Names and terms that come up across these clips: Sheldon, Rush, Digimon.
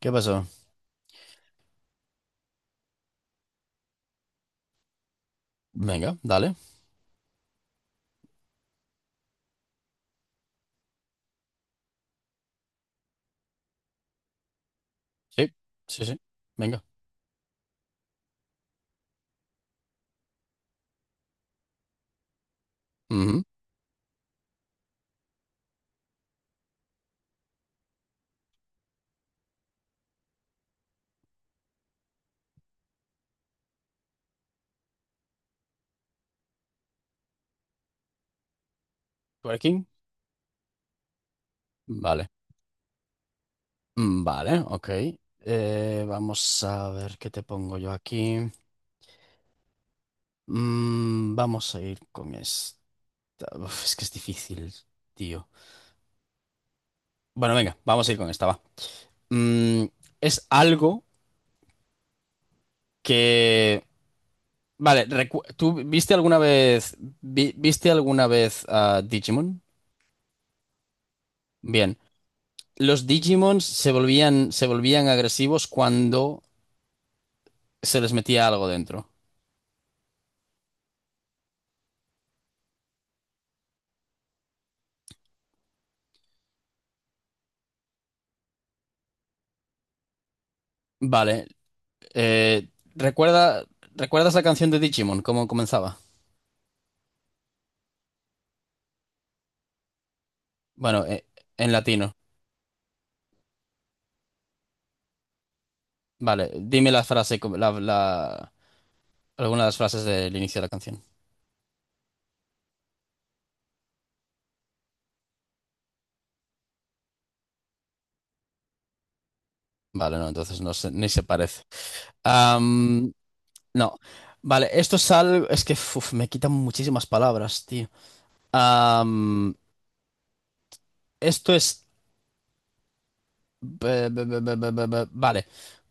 ¿Qué pasó? Venga, dale. Sí, sí, sí. Venga. Ujú. Twerking. Vale. Vale, ok. Vamos a ver qué te pongo yo aquí. Vamos a ir con esta. Uf, es que es difícil, tío. Bueno, venga, vamos a ir con esta, va. Mm, es algo que... Vale, ¿tú viste alguna vez... ¿viste alguna vez a Digimon? Bien. Los Digimons se volvían agresivos cuando se les metía algo dentro. Vale. eh, ¿recuerda, ¿recuerdas la canción de Digimon? ¿Cómo comenzaba? Bueno, en latino. Vale. Dime la frase, alguna de las frases del inicio de la canción. Vale, no, entonces ni se parece. Am, no. Vale, esto es algo. Es que uf, me quitan muchísimas palabras, tío. Am, esto es. Vale.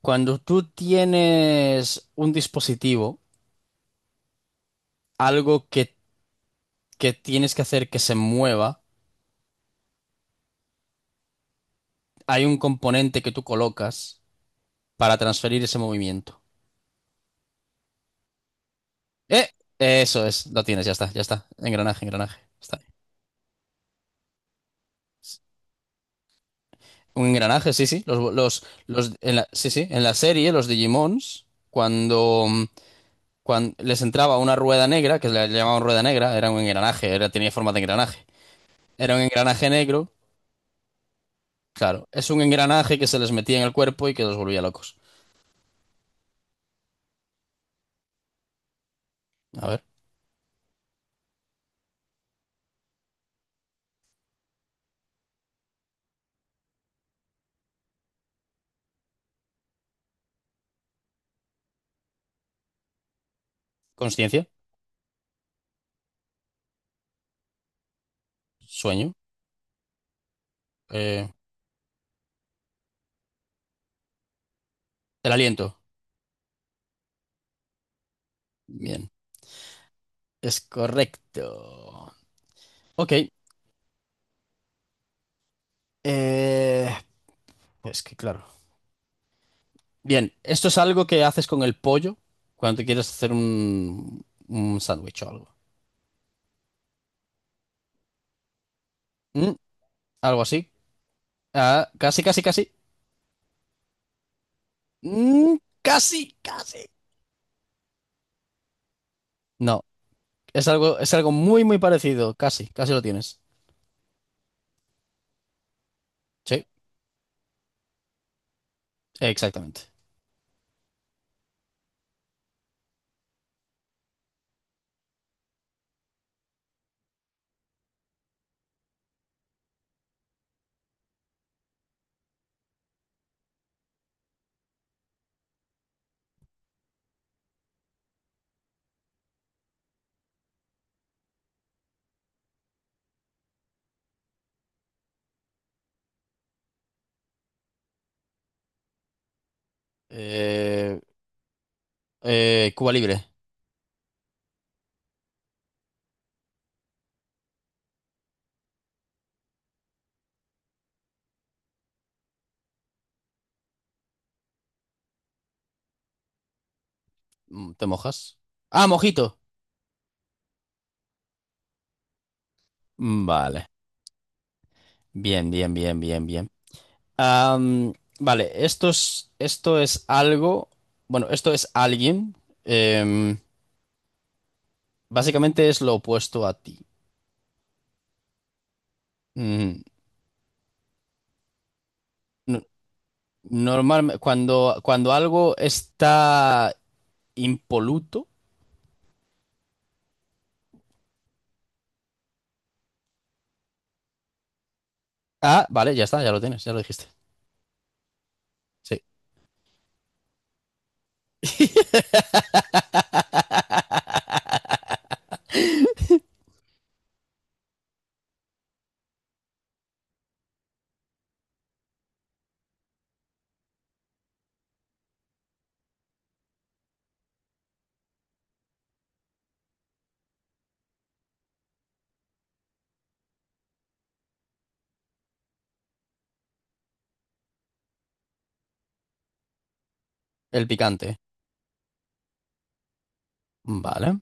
Cuando tú tienes un dispositivo, algo que tienes que hacer que se mueva, hay un componente que tú colocas para transferir ese movimiento. ¡Eh! Eso es, lo tienes, ya está, ya está. Engranaje, engranaje. Está bien. Un engranaje, sí, sí. Los en la, sí, sí. En la serie, los Digimons, cuando les entraba una rueda negra, que le llamaban rueda negra, era un engranaje, era, tenía forma de engranaje. Era un engranaje negro, claro. Es un engranaje que se les metía en el cuerpo y que los volvía locos. A ver, conciencia, sueño, eh, el aliento. Bien, es correcto. Ok, eh, pues que claro. Bien, esto es algo que haces con el pollo cuando te quieres hacer un sándwich o algo. Mm, Algo así. Ah, casi, casi, casi. Mm, casi, casi. No, es algo muy, muy parecido. Casi, casi lo tienes. Sí, exactamente. Eh, Cuba Libre. ¿Te mojas? Ah, mojito. Vale. Bien, bien, bien, bien, bien. Am, vale, esto es algo, bueno, esto es alguien, em, básicamente es lo opuesto a ti. Mm, no- normal, cuando algo está impoluto, ah, vale, ya está, ya lo tienes, ya lo dijiste. Sí. El picante. Vale.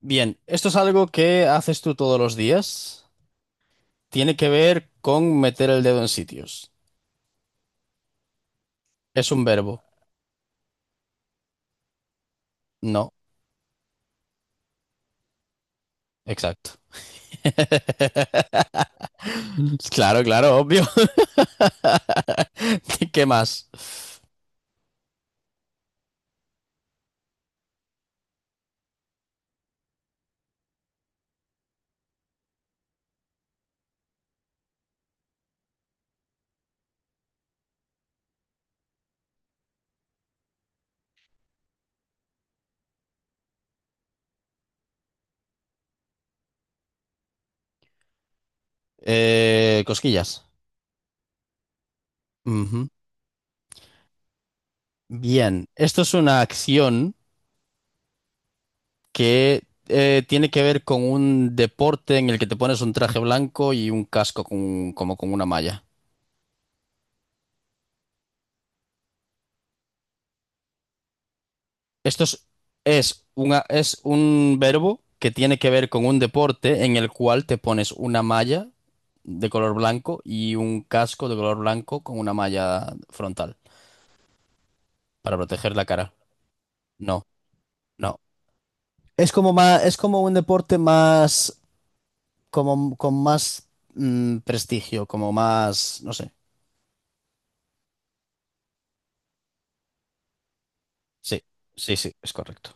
Bien, esto es algo que haces tú todos los días. Tiene que ver con meter el dedo en sitios. Es un verbo. No, exacto. Claro, claro, obvio. ¿Qué más? Cosquillas. Ujú. Bien, esto es una acción que tiene que ver con un deporte en el que te pones un traje blanco y un casco como con una malla. Esto es, es un verbo que tiene que ver con un deporte en el cual te pones una malla de color blanco y un casco de color blanco con una malla frontal para proteger la cara. No, no. Es como más, es como un deporte más, como con más prestigio, como más, no sé. Sí, sí, sí, es correcto.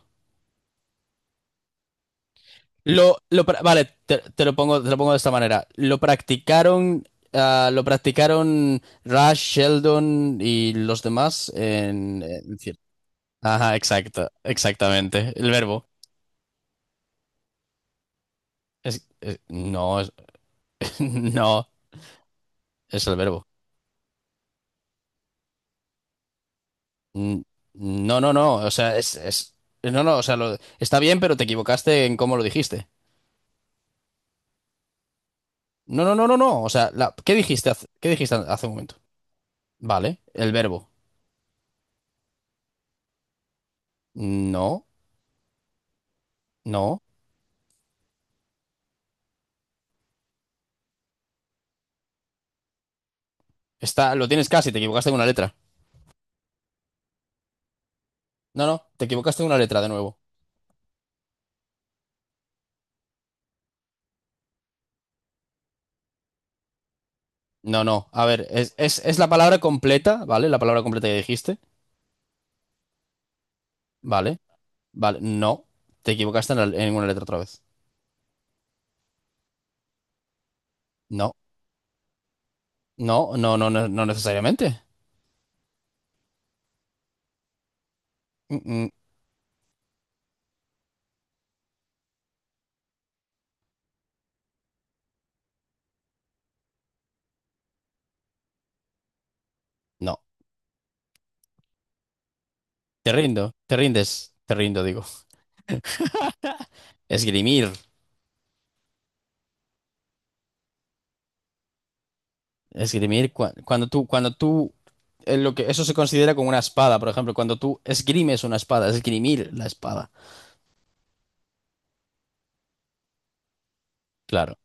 Vale, te lo pongo de esta manera. Lo practicaron, ah, lo practicaron Rush, Sheldon y los demás en, ajá, exacto, exactamente. El verbo. No, no, es el verbo. Mm, No, no, no. O sea, es... No, no, o sea, está bien, pero te equivocaste en cómo lo dijiste. No, no, no, no, no. O sea, qué dijiste hace un momento? Vale, el verbo. No, no. Está, lo tienes casi, te equivocaste en una letra. No, no, te equivocaste en una letra de nuevo. No, no. A ver, es la palabra completa, ¿vale? La palabra completa que dijiste. Vale, vale. No, te equivocaste en, en una letra otra vez. No, no, no, no, no, no necesariamente. Mm, mm, no. Te rindo, digo. Esgrimir. Esgrimir, cuando tú, lo que, eso se considera como una espada, por ejemplo, cuando tú esgrimes una espada, esgrimir la espada. Claro.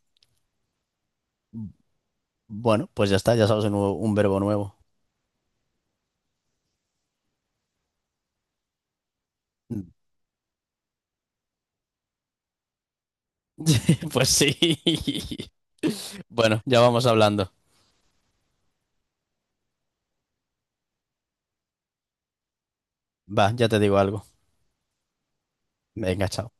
Bueno, pues ya está, ya sabes un, un verbo nuevo. Pues sí. Bueno, ya vamos hablando. Va, ya te digo algo. Venga, chao.